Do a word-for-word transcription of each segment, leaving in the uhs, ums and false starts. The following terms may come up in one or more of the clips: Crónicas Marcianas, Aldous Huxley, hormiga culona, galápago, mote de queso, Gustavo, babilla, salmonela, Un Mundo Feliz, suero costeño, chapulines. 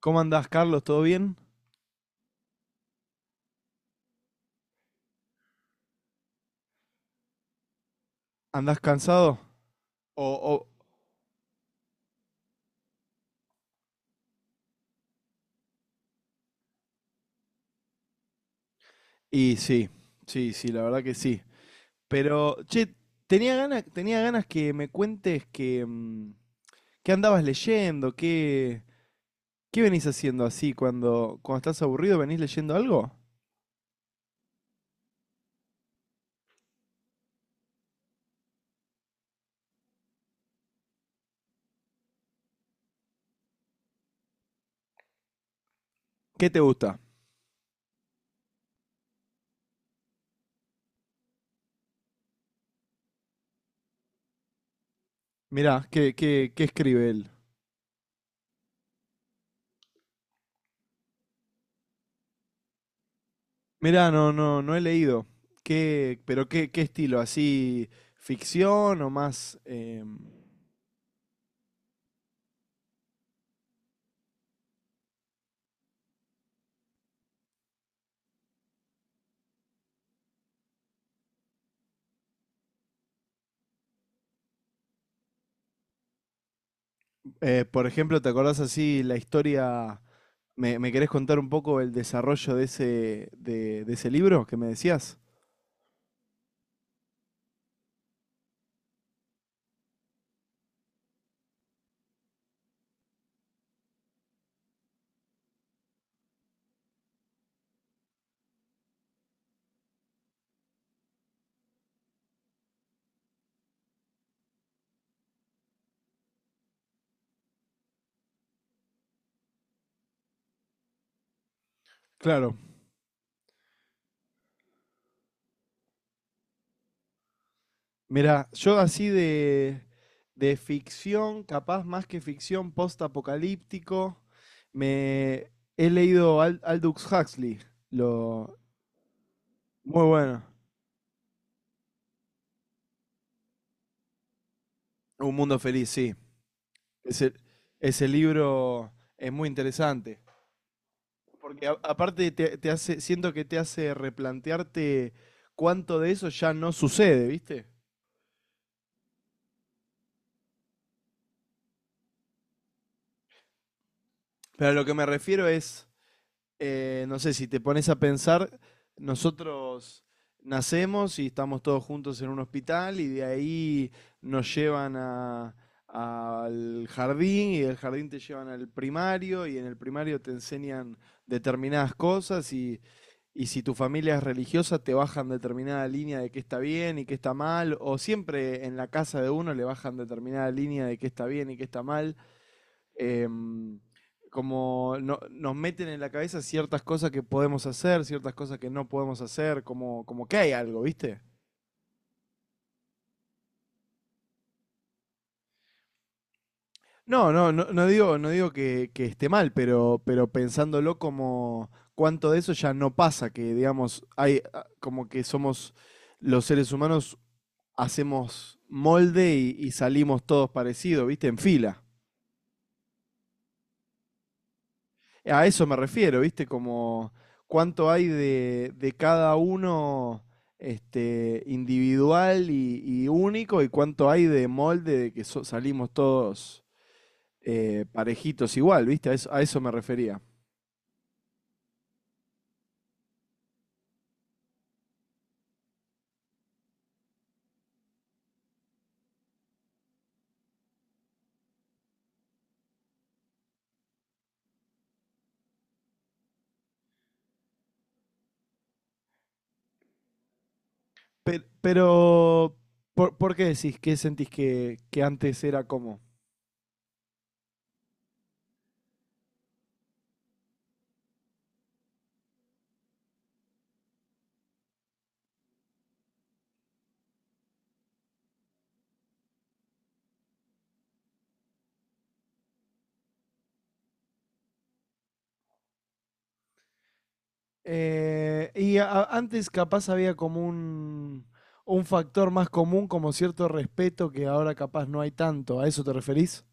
¿Cómo andás, Carlos? ¿Todo bien? ¿Andás cansado? O, o- y sí, sí, sí, la verdad que sí. Pero, che, tenía ganas, tenía ganas que me cuentes que, mm, qué andabas leyendo, qué, qué venís haciendo así cuando, cuando estás aburrido, ¿venís leyendo algo? ¿Qué te gusta? Mirá, ¿qué, qué, qué escribe él? Mirá, no, no, no he leído. ¿Qué, pero qué, qué estilo? ¿Así ficción o más em, eh, por ejemplo, ¿te acordás así la historia? ¿Me, me querés contar un poco el desarrollo de ese, de, de ese libro que me decías? Claro. Mira, yo así de, de ficción, capaz más que ficción post-apocalíptico, me he leído Al- Aldous Huxley, lo, muy bueno. Un mundo feliz, sí. Ese, ese libro es muy interesante. Porque a- aparte te, te hace, siento que te hace replantearte cuánto de eso ya no sucede, ¿viste? Pero a lo que me refiero es, eh, no sé, si te pones a pensar, nosotros nacemos y estamos todos juntos en un hospital y de ahí nos llevan a- al jardín y del jardín te llevan al primario y en el primario te enseñan determinadas cosas y, y si tu familia es religiosa te bajan determinada línea de qué está bien y qué está mal o siempre en la casa de uno le bajan determinada línea de qué está bien y qué está mal, eh, como no- nos meten en la cabeza ciertas cosas que podemos hacer, ciertas cosas que no podemos hacer, como, como que hay algo, ¿viste? No, no, no, no digo, no digo que, que esté mal, pero, pero pensándolo como cuánto de eso ya no pasa, que digamos, hay ah, como que somos los seres humanos, hacemos molde y, y salimos todos parecidos, ¿viste? En fila. A eso me refiero, ¿viste? Como cuánto hay de, de cada uno este, individual y, y único y cuánto hay de molde de que so- salimos todos eh, parejitos igual, ¿viste? A eso, a eso me refería. Pe- Pero, ¿por, por qué decís? ¿Qué sentís que, que antes era como? Eh, y a- antes capaz había como un, un factor más común, como cierto respeto que ahora capaz no hay tanto. ¿A eso te referís?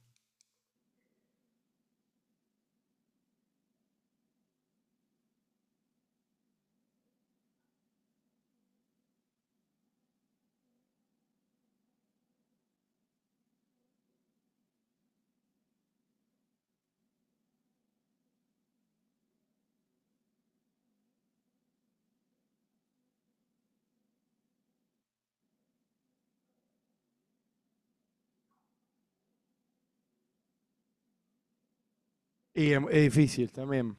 Y em- es difícil también.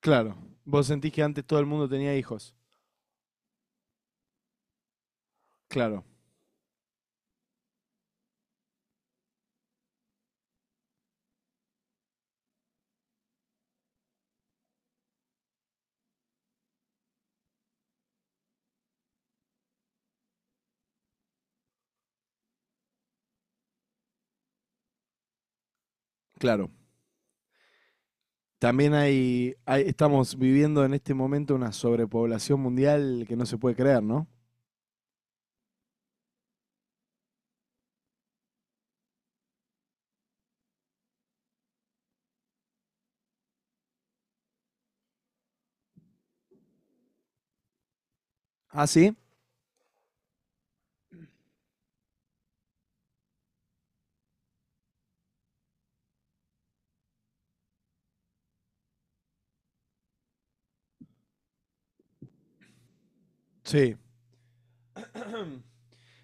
Claro. Vos sentís que antes todo el mundo tenía hijos. Claro, claro. También hay, hay- estamos viviendo en este momento una sobrepoblación mundial que no se puede creer, ¿no? ¿Ah, sí? Sí.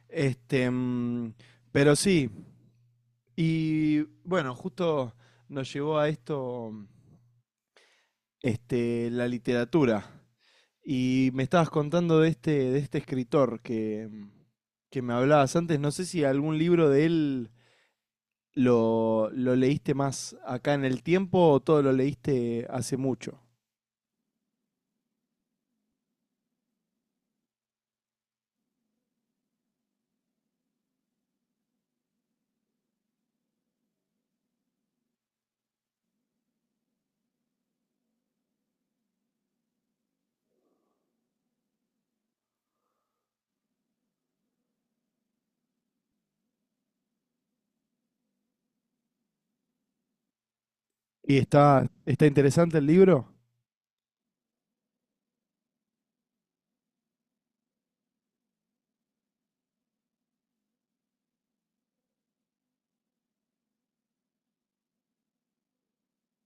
Este, mm, pero sí. Y bueno, justo nos llevó a esto, mm, este, la literatura. Y me estabas contando de este, de este escritor que, mm, que me hablabas antes. No sé si algún libro de él lo, ¿lo leíste más acá en el tiempo o todo lo leíste hace mucho? ¿Y está, está interesante el libro?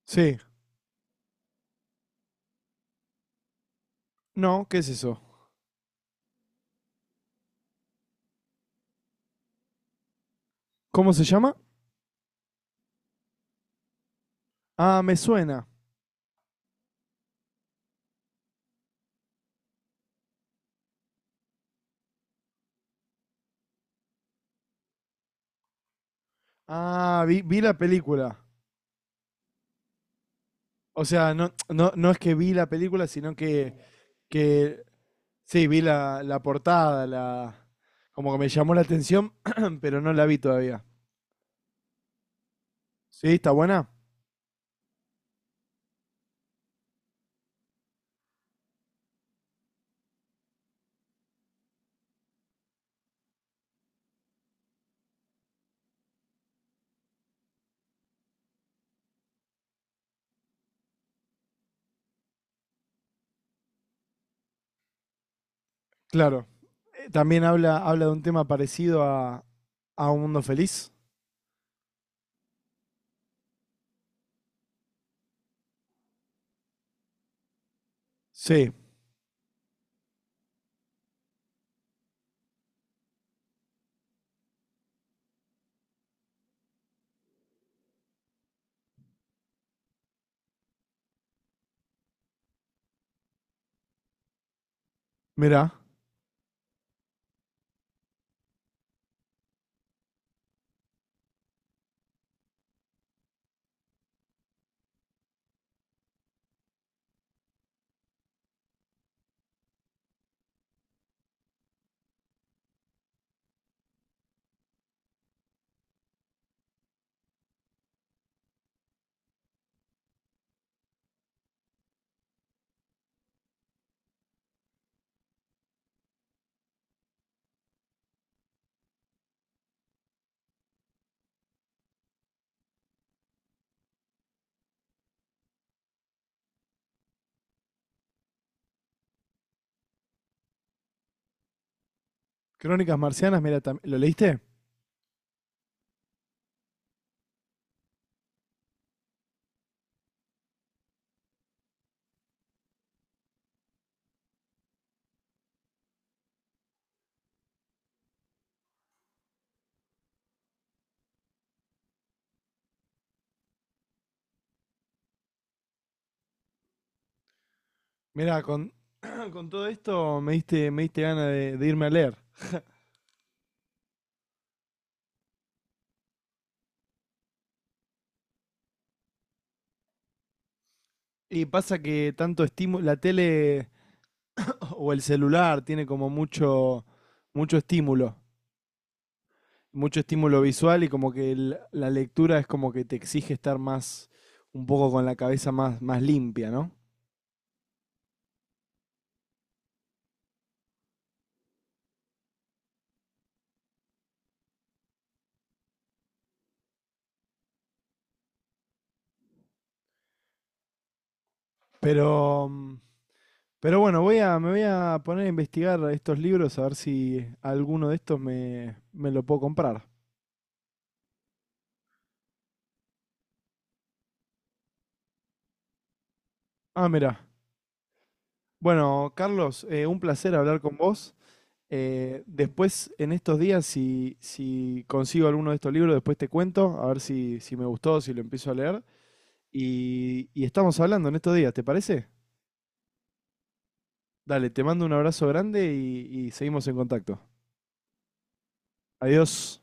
Sí. No, ¿qué es eso? ¿Cómo se llama? Ah, me suena. Ah, vi, vi la película. O sea, no, no, no es que vi la película, sino que, que sí, vi la, la portada, la, como que me llamó la atención, pero no la vi todavía. ¿Sí? ¿Está buena? Claro. Eh, también habla, habla de un tema parecido a, a Un Mundo Feliz. Sí. Mira, Crónicas Marcianas, mira, tam- ¿lo leíste? Mira, con, con todo esto me diste, me diste ganas de, de irme a leer. Y pasa que tanto estímulo, la tele o el celular tiene como mucho, mucho estímulo, mucho estímulo visual y como que el- la lectura es como que te exige estar más, un poco con la cabeza más, más limpia, ¿no? Pero, mm, pero bueno, voy a, me voy a poner a investigar estos libros a ver si alguno de estos me, me lo puedo comprar. Ah, mira. Bueno, Carlos, eh, un placer hablar con vos. Eh, después, en estos días, si, si consigo alguno de estos libros, después te cuento, a ver si, si me gustó, si lo empiezo a leer. Y, y estamos hablando en estos días, ¿te parece? Dale, te mando un abrazo grande y y seguimos en contacto. Adiós.